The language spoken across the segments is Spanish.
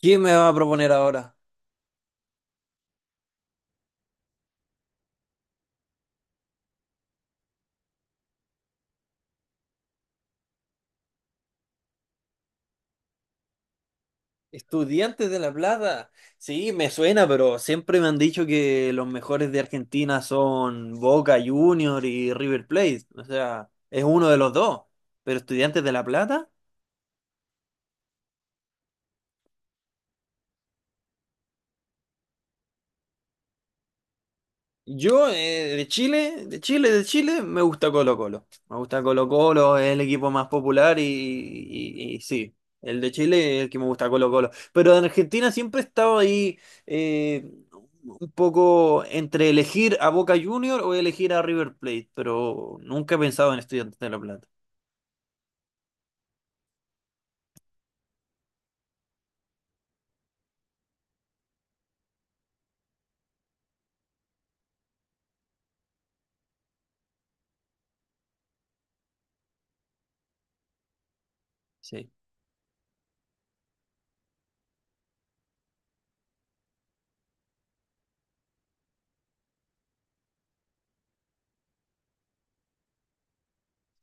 ¿Quién me va a proponer ahora? Estudiantes de La Plata. Sí, me suena, pero siempre me han dicho que los mejores de Argentina son Boca Junior y River Plate. O sea, es uno de los dos. Pero Estudiantes de La Plata. Yo, de Chile, de Chile, me gusta Colo-Colo. Me gusta Colo-Colo, es el equipo más popular y sí, el de Chile es el que me gusta Colo-Colo. Pero en Argentina siempre he estado ahí, eh, un poco entre elegir a Boca Junior o elegir a River Plate, pero nunca he pensado en Estudiantes de La Plata. Sí,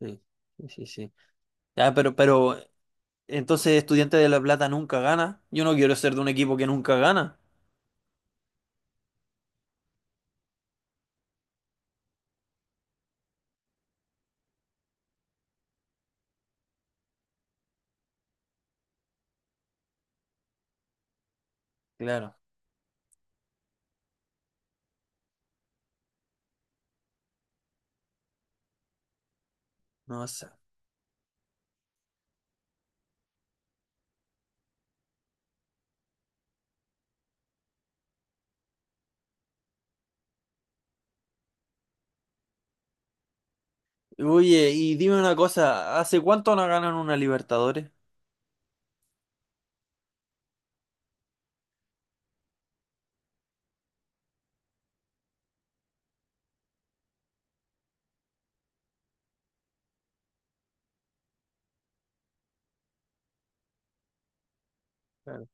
sí, sí, sí, sí. Ya, pero entonces Estudiantes de La Plata nunca gana. Yo no quiero ser de un equipo que nunca gana. Claro, no sé. Oye, y dime una cosa, ¿hace cuánto no ganan una Libertadores? Claro.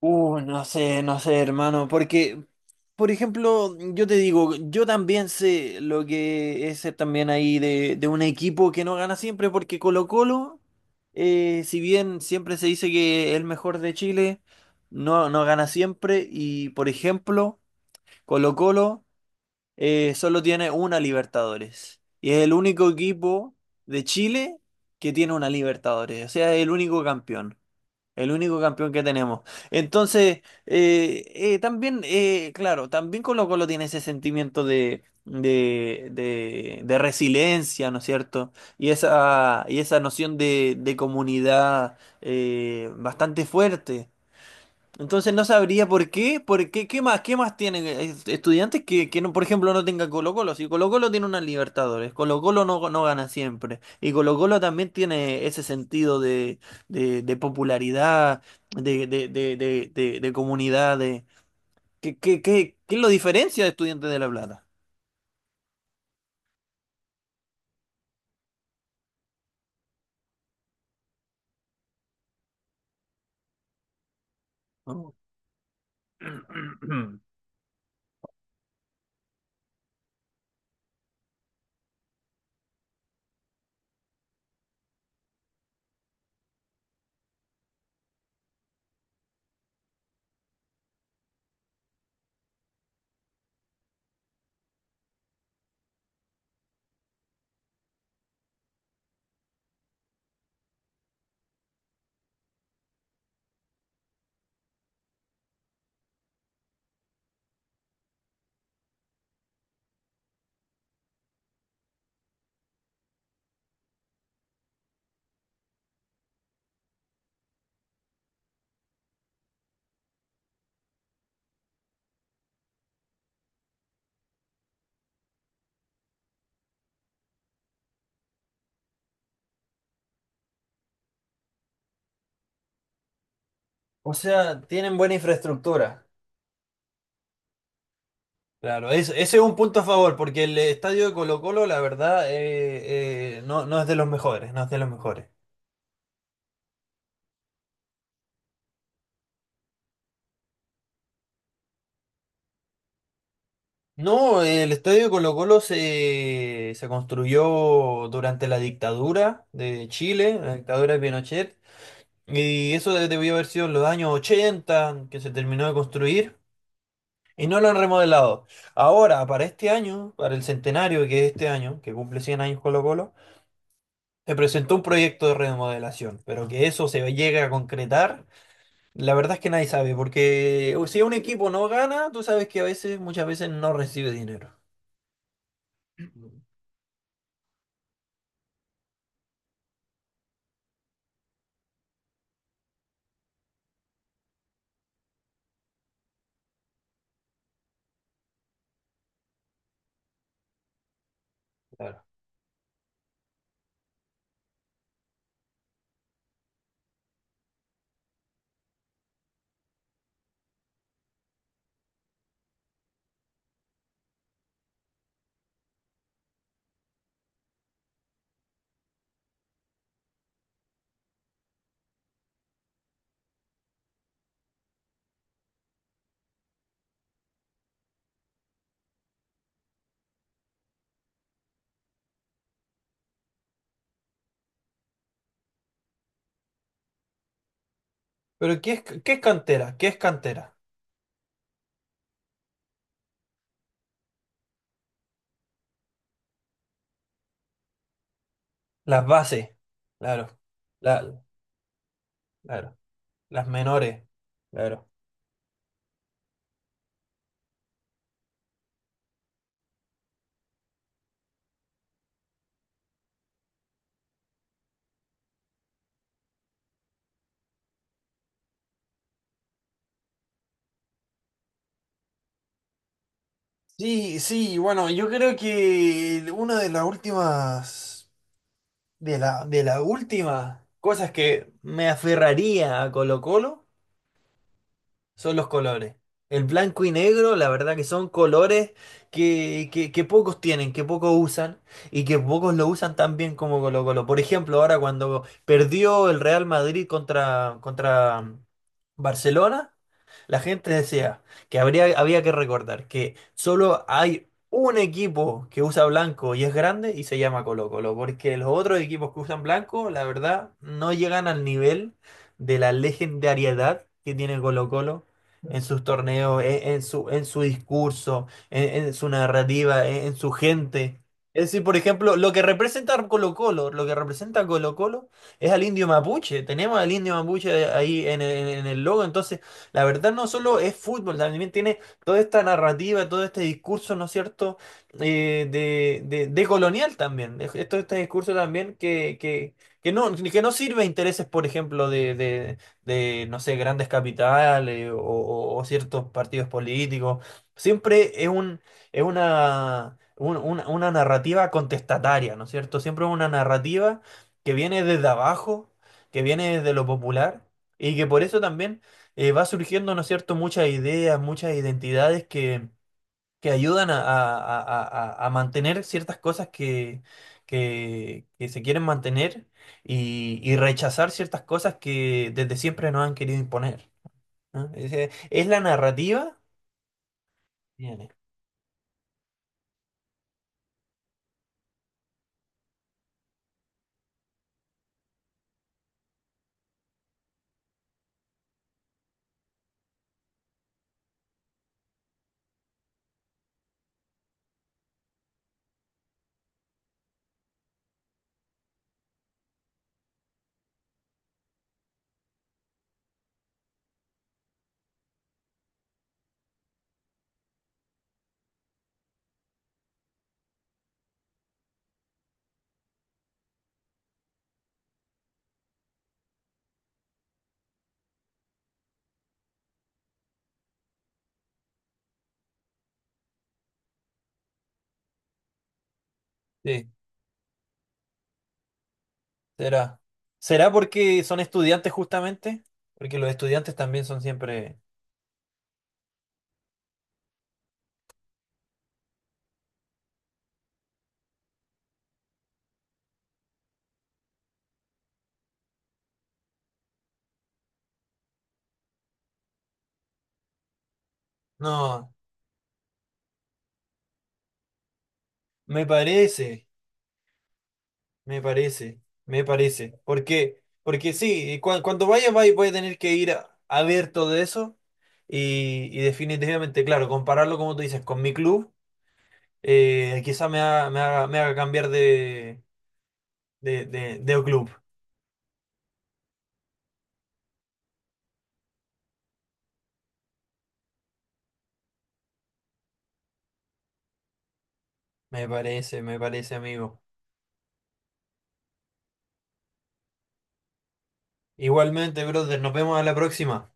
No sé, no sé, hermano, porque, por ejemplo, yo te digo, yo también sé lo que es ser también ahí de, un equipo que no gana siempre, porque Colo-Colo, si bien siempre se dice que es el mejor de Chile, no gana siempre, y por ejemplo, Colo-Colo, solo tiene una Libertadores. Y es el único equipo de Chile que tiene una Libertadores. O sea, es el único campeón. El único campeón que tenemos. Entonces, también, claro, también Colo Colo tiene ese sentimiento de, de resiliencia, ¿no es cierto? Y esa noción de comunidad, bastante fuerte. Entonces no sabría qué más tienen estudiantes que no, por ejemplo, no tengan Colo-Colo. Si Colo-Colo tiene una Libertadores, Colo-Colo no gana siempre. Y Colo-Colo también tiene ese sentido de, de popularidad, de comunidad, de… ¿ qué lo diferencia de Estudiantes de La Plata? Oh. O sea, tienen buena infraestructura. Claro, ese es un punto a favor, porque el estadio de Colo-Colo, la verdad, no, no es de los mejores, no es de los mejores. No, el estadio de Colo-Colo se construyó durante la dictadura de Chile, la dictadura de Pinochet, y eso debió haber sido en los años 80 que se terminó de construir, y no lo han remodelado. Ahora, para este año, para el centenario que es este año, que cumple 100 años Colo-Colo, se presentó un proyecto de remodelación, pero que eso se llegue a concretar. La verdad es que nadie sabe, porque si un equipo no gana, tú sabes que a veces, muchas veces no recibe dinero. Claro. Pero qué es cantera? ¿Qué es cantera? Las bases, claro. La- claro. Las menores, claro. Sí, sí, bueno, yo creo que una de las últimas, de la, de las últimas cosas que me aferraría a Colo Colo son los colores. El blanco y negro, la verdad que son colores que, que pocos tienen, que pocos usan y que pocos lo usan tan bien como Colo Colo. Por ejemplo, ahora cuando perdió el Real Madrid contra, contra Barcelona, la gente decía que habría, había que recordar que solo hay un equipo que usa blanco y es grande y se llama Colo Colo, porque los otros equipos que usan blanco, la verdad, no llegan al nivel de la legendariedad que tiene Colo Colo en sus torneos, en su discurso, en su narrativa, en su gente. Es decir, por ejemplo, lo que representa Colo-Colo, lo que representa Colo-Colo es al indio mapuche. Tenemos al indio mapuche ahí en el logo. Entonces, la verdad no solo es fútbol, también tiene toda esta narrativa, todo este discurso, ¿no es cierto? De, de colonial también. Es todo este discurso también que no sirve a intereses, por ejemplo, de, no sé, grandes capitales o ciertos partidos políticos. Siempre es un, es una, una narrativa contestataria, ¿no es cierto? Siempre es una narrativa que viene desde abajo, que viene desde lo popular y que por eso también, va surgiendo, ¿no es cierto?, muchas ideas, muchas identidades que ayudan a, a mantener ciertas cosas que, que se quieren mantener y rechazar ciertas cosas que desde siempre nos han querido imponer, ¿no? ¿Es la narrativa? Viene. Sí, será. ¿Será porque son estudiantes justamente? Porque los estudiantes también son siempre… No, me parece. Me parece, me parece. Porque, porque sí, cuando vayas, vais, voy a tener que ir a ver todo eso. Y definitivamente, claro, compararlo, como tú dices, con mi club, quizá me haga, me haga, me haga cambiar de, de club. Me parece, amigo. Igualmente, brother, nos vemos a la próxima.